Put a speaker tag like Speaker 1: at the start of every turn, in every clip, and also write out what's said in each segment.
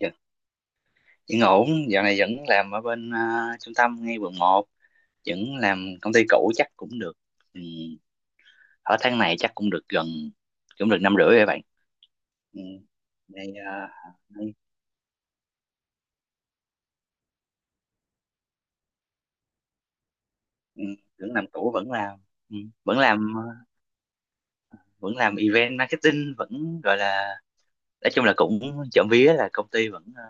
Speaker 1: Dạ, vẫn ổn, dạo này vẫn làm ở bên trung tâm ngay quận 1, vẫn làm công ty cũ chắc cũng được. Ừ, ở tháng này chắc cũng được gần, cũng được năm rưỡi rồi bạn. Ừ, đây, đây, ừ, vẫn làm, ừ, vẫn làm, vẫn làm event marketing, vẫn gọi là nói chung là cũng trộm vía là công ty vẫn,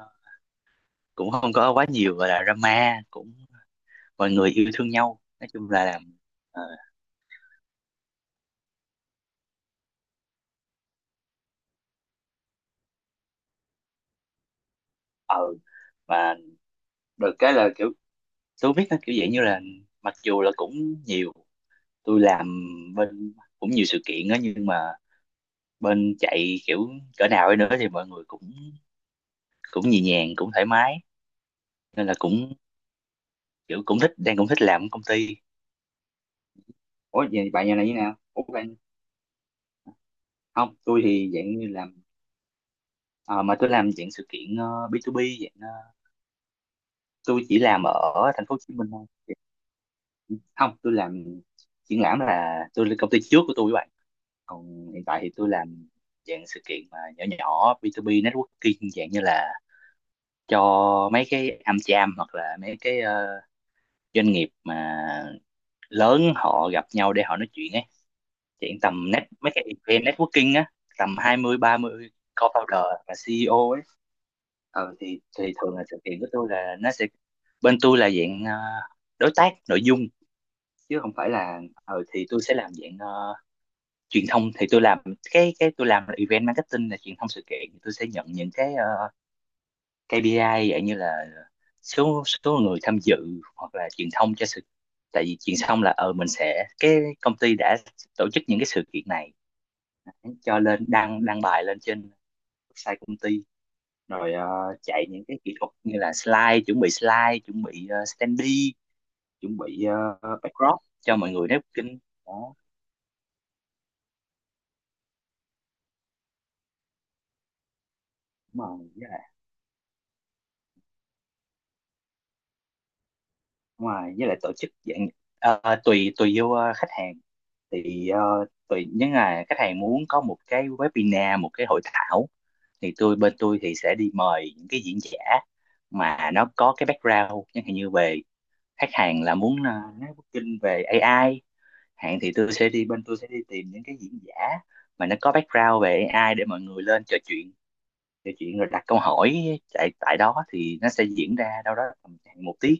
Speaker 1: cũng không có quá nhiều gọi là drama, cũng mọi người yêu thương nhau, nói chung là làm. à, và được cái là kiểu tôi không biết nó kiểu dạng như là, mặc dù là cũng nhiều, tôi làm bên cũng nhiều sự kiện á, nhưng mà bên chạy kiểu cỡ nào ấy nữa thì mọi người cũng cũng nhẹ nhàng cũng thoải mái, nên là cũng kiểu cũng thích, đang cũng thích làm ở công ty. Ủa vậy bạn nhà này như nào ủa bạn? Không tôi thì dạng như làm. Ờ, mà tôi làm dạng sự kiện B2B, dạng tôi chỉ làm ở thành phố Hồ Chí Minh thôi. Không tôi làm triển lãm là tôi lên công ty trước của tôi, còn hiện tại thì tôi làm dạng sự kiện mà nhỏ nhỏ, B2B networking, dạng như là cho mấy cái AmCham, hoặc là mấy cái doanh nghiệp mà lớn, họ gặp nhau để họ nói chuyện ấy, chuyện tầm net mấy cái event networking á, tầm 20-30 co-founder và CEO ấy. Thì thường là sự kiện của tôi là nó sẽ, bên tôi là dạng đối tác nội dung, chứ không phải là, thì tôi sẽ làm dạng truyền thông, thì tôi làm cái tôi làm là event marketing là truyền thông sự kiện. Tôi sẽ nhận những cái KPI dạng như là số số người tham dự, hoặc là truyền thông cho sự, tại vì truyền thông là mình sẽ, cái công ty đã tổ chức những cái sự kiện này, cho lên đăng đăng bài lên trên website công ty, rồi chạy những cái kỹ thuật như là slide, chuẩn bị slide, chuẩn bị standee, chuẩn bị backdrop cho mọi người networking. Đó đúng rồi. Với đúng rồi, với lại tổ chức dạng tùy tùy vô khách hàng, thì tùy, nếu là khách hàng muốn có một cái webinar, một cái hội thảo, thì tôi, bên tôi thì sẽ đi mời những cái diễn giả mà nó có cái background chẳng hạn như về, khách hàng là muốn nói booking về AI, hạn thì tôi sẽ đi, bên tôi sẽ đi tìm những cái diễn giả mà nó có background về AI để mọi người lên trò chuyện, rồi đặt câu hỏi tại tại đó, thì nó sẽ diễn ra đâu đó tầm khoảng một tiếng.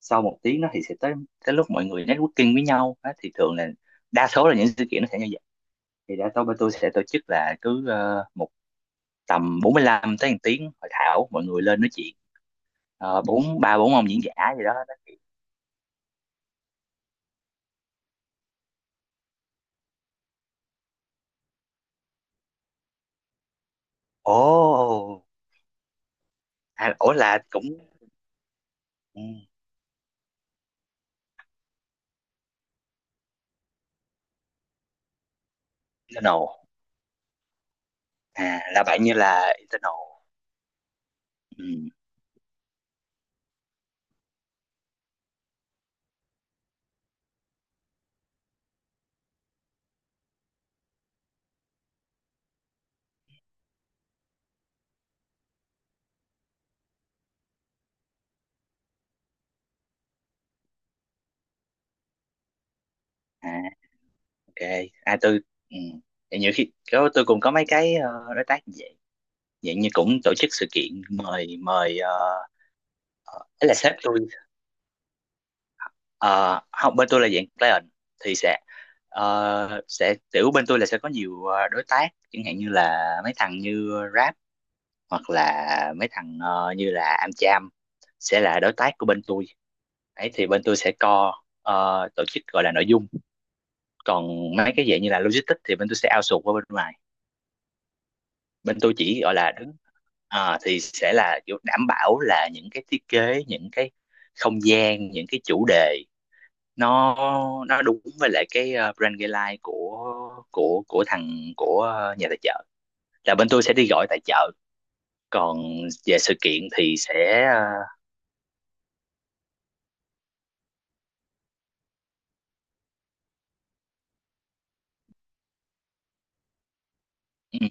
Speaker 1: Sau một tiếng đó thì sẽ tới, tới lúc mọi người networking với nhau á, thì thường là đa số là những sự kiện nó sẽ như vậy. Thì đa số bên tôi sẽ tổ chức là cứ một tầm 45 tới một tiếng hội thảo mọi người lên nói chuyện. Ờ, bốn ba bốn ông diễn giả gì đó nói chuyện. Ồ. À, ủa là cũng ừ, internal. À là bạn như là internal. Ừ. À, ok. À tôi ừ. Vậy nhiều khi có- tôi cũng có mấy cái đối tác như vậy, dạng như cũng tổ chức sự kiện, mời mời là sếp tôi. Ờ, không bên tôi là dạng client, thì sẽ sẽ kiểu, bên tôi là sẽ có nhiều đối tác chẳng hạn như là mấy thằng như Grab, hoặc là mấy thằng như là AmCham sẽ là đối tác của bên tôi ấy. Thì bên tôi sẽ co tổ chức, gọi là nội dung, còn mấy cái dạng như là logistics thì bên tôi sẽ outsource qua bên ngoài. Bên tôi chỉ gọi là đứng thì sẽ là kiểu đảm bảo là những cái thiết kế, những cái không gian, những cái chủ đề nó nó đúng với lại cái brand guideline của thằng, của nhà tài trợ, là bên tôi sẽ đi gọi tài trợ, còn về sự kiện thì sẽ, ừ,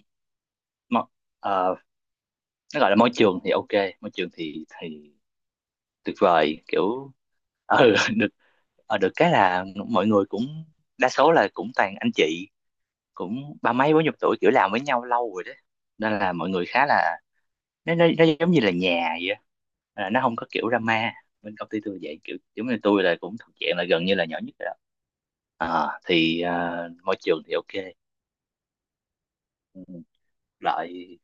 Speaker 1: mo- ờ, nó gọi là môi trường thì ok. Môi trường thì tuyệt vời kiểu ừ, được. Được cái là mọi người cũng đa số là cũng toàn anh chị, cũng ba mấy bốn chục tuổi, kiểu làm với nhau lâu rồi đấy, nên là mọi người khá là, nó nó giống như là nhà vậy á. À, nó không có kiểu drama bên công ty tôi vậy, kiểu giống như tôi là cũng thuộc dạng là gần như là nhỏ nhất rồi đó. À, thì à, môi trường thì ok. Ừ, lại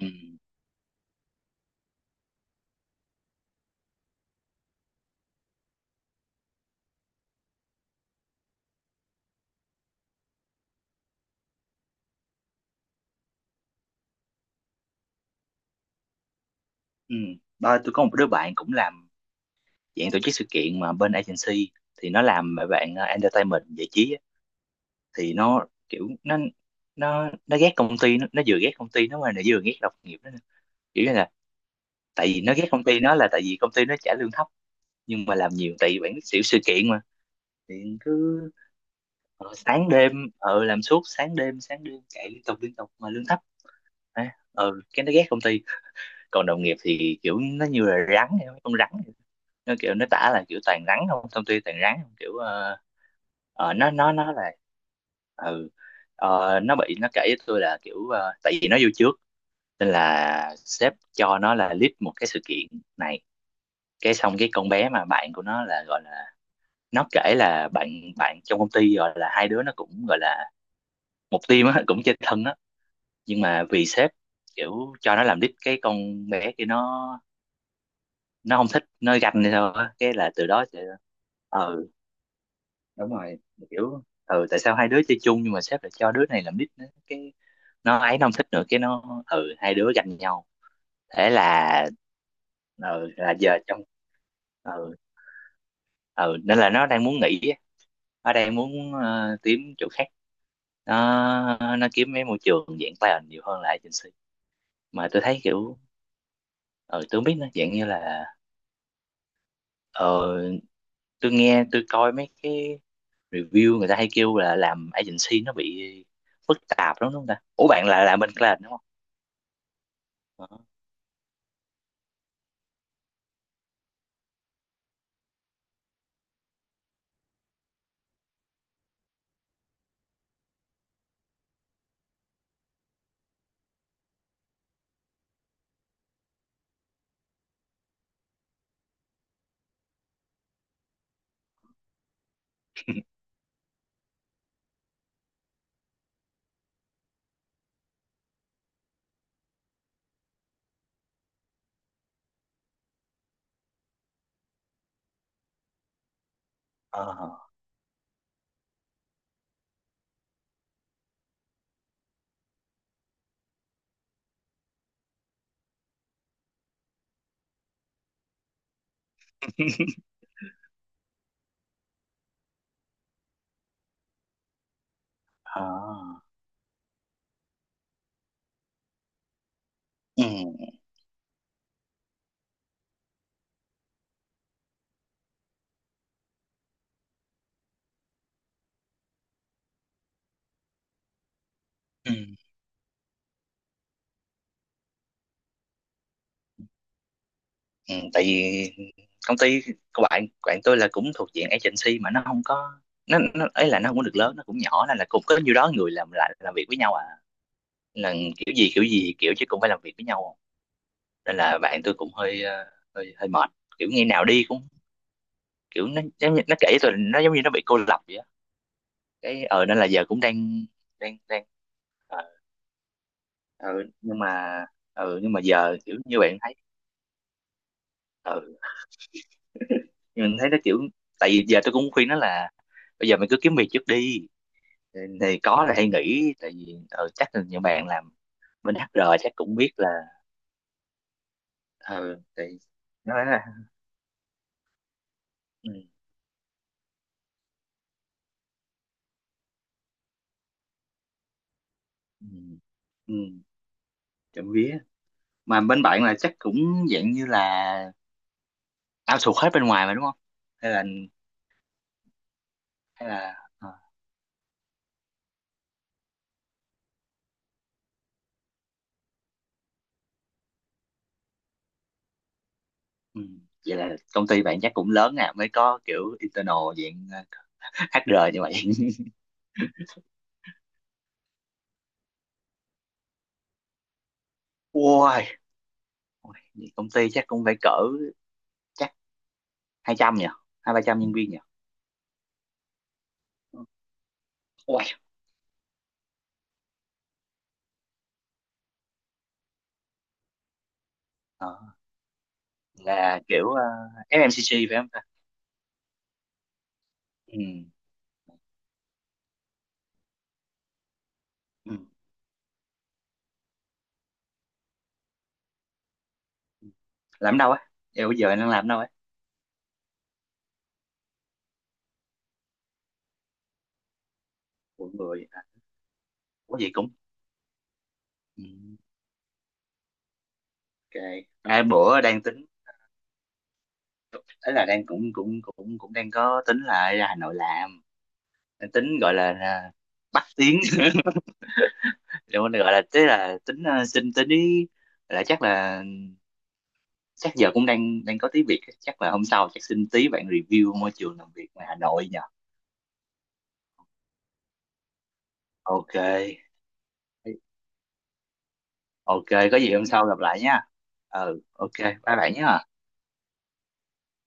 Speaker 1: ừ, ừ. Ba, tôi có một đứa bạn cũng làm dạng tổ chức sự kiện mà bên agency, thì nó làm mấy bạn entertainment giải trí á. Thì nó kiểu nó ghét công ty nó vừa ghét công ty nó mà nó vừa ghét đồng nghiệp nó nữa. Kiểu như là, tại vì nó ghét công ty nó là tại vì công ty nó trả lương thấp nhưng mà làm nhiều, tại vì bạn biết xỉu sự kiện mà. Điện cứ sáng đêm, làm suốt sáng đêm, chạy liên tục, mà lương thấp. Đấy, cái nó ghét công ty. Còn đồng nghiệp thì kiểu nó như là rắn vậy, con rắn vậy. Nó kiểu nó tả là kiểu toàn rắn không, công ty toàn rắn không, kiểu nó nó là ừ. Ờ, nó bị nó kể với tôi là kiểu tại vì nó vô trước nên là sếp cho nó là lead một cái sự kiện này. Cái xong cái con bé mà bạn của nó là gọi là, nó kể là bạn, bạn trong công ty gọi là, hai đứa nó cũng gọi là một team á, cũng chơi thân á, nhưng mà vì sếp kiểu cho nó làm lead cái con bé kia nó không thích, nó ganh hay sao á, cái là từ đó sẽ, ừ đúng rồi, kiểu ừ tại sao hai đứa chơi chung nhưng mà sếp lại cho đứa này làm lead nữa, cái nó ấy nó không thích, nữa cái nó ừ hai đứa ganh nhau. Thế là ừ là giờ trong, ừ ừ, nên là nó đang muốn nghỉ á. Nó đang muốn kiếm chỗ khác, nó kiếm mấy môi trường dạng talent nhiều hơn là agency. Mà tôi thấy kiểu ờ tôi không biết nó dạng như là, ờ tôi nghe tôi coi mấy cái review người ta hay kêu là làm agency nó bị phức tạp lắm đúng không ta? Ủa bạn là làm bên client đúng không? Ờ ờ Ờ. Ừ, ừ, ừ. Tại vì công ty của bạn, bạn tôi là cũng thuộc diện agency mà nó không có, nó ấy là nó không có được lớn, nó cũng nhỏ, nên là cũng có nhiêu đó người làm, lại làm việc với nhau à, là kiểu gì kiểu gì kiểu chứ cũng phải làm việc với nhau, nên là bạn tôi cũng hơi hơi hơi mệt, kiểu ngày nào đi cũng kiểu nó giống như, nó kể rồi nó giống như nó bị cô lập vậy á, cái ờ nên là giờ cũng đang đang đang ờ, ừ, nhưng mà ừ, nhưng mà giờ kiểu như bạn thấy, ừ nhưng mình thấy nó kiểu, tại vì giờ tôi cũng khuyên nó là bây giờ mình cứ kiếm việc trước đi, thì có là hay nghỉ, tại vì ừ, chắc là nhiều bạn làm bên HR chắc cũng biết là, ừ thì nó nói là, ừ ừ ừ, trộm vía. Mà bên bạn là chắc cũng dạng như là ao outsource hết bên ngoài mà đúng không, hay là, hay là Ừ. Vậy là công ty bạn chắc cũng lớn à mới có kiểu internal dạng HR như vậy. Ôi, ôi, vậy công ty chắc cũng phải cỡ chắc 200 nhỉ, hai ba trăm nhân viên nhỉ. Ôi, ờ, là kiểu FMCG phải không ta? Ừ. Ừ. Làm đâu á? Vậy bây giờ anh đang làm đâu á? Mọi người à, có gì cũng. Ừ. Ok. Hai bữa đang tính, ấy là đang cũng cũng cũng cũng đang có tính là ra Hà Nội làm, đang tính gọi là bắt tiếng liệu mình gọi là, tức là tính xin tí, là chắc là, chắc giờ cũng đang đang có tí việc, chắc là hôm sau chắc xin tí bạn review môi trường làm việc ngoài Hà Nội nhờ. Ok ok, có gì hôm sau gặp lại nha, ừ ok bye bạn nhé.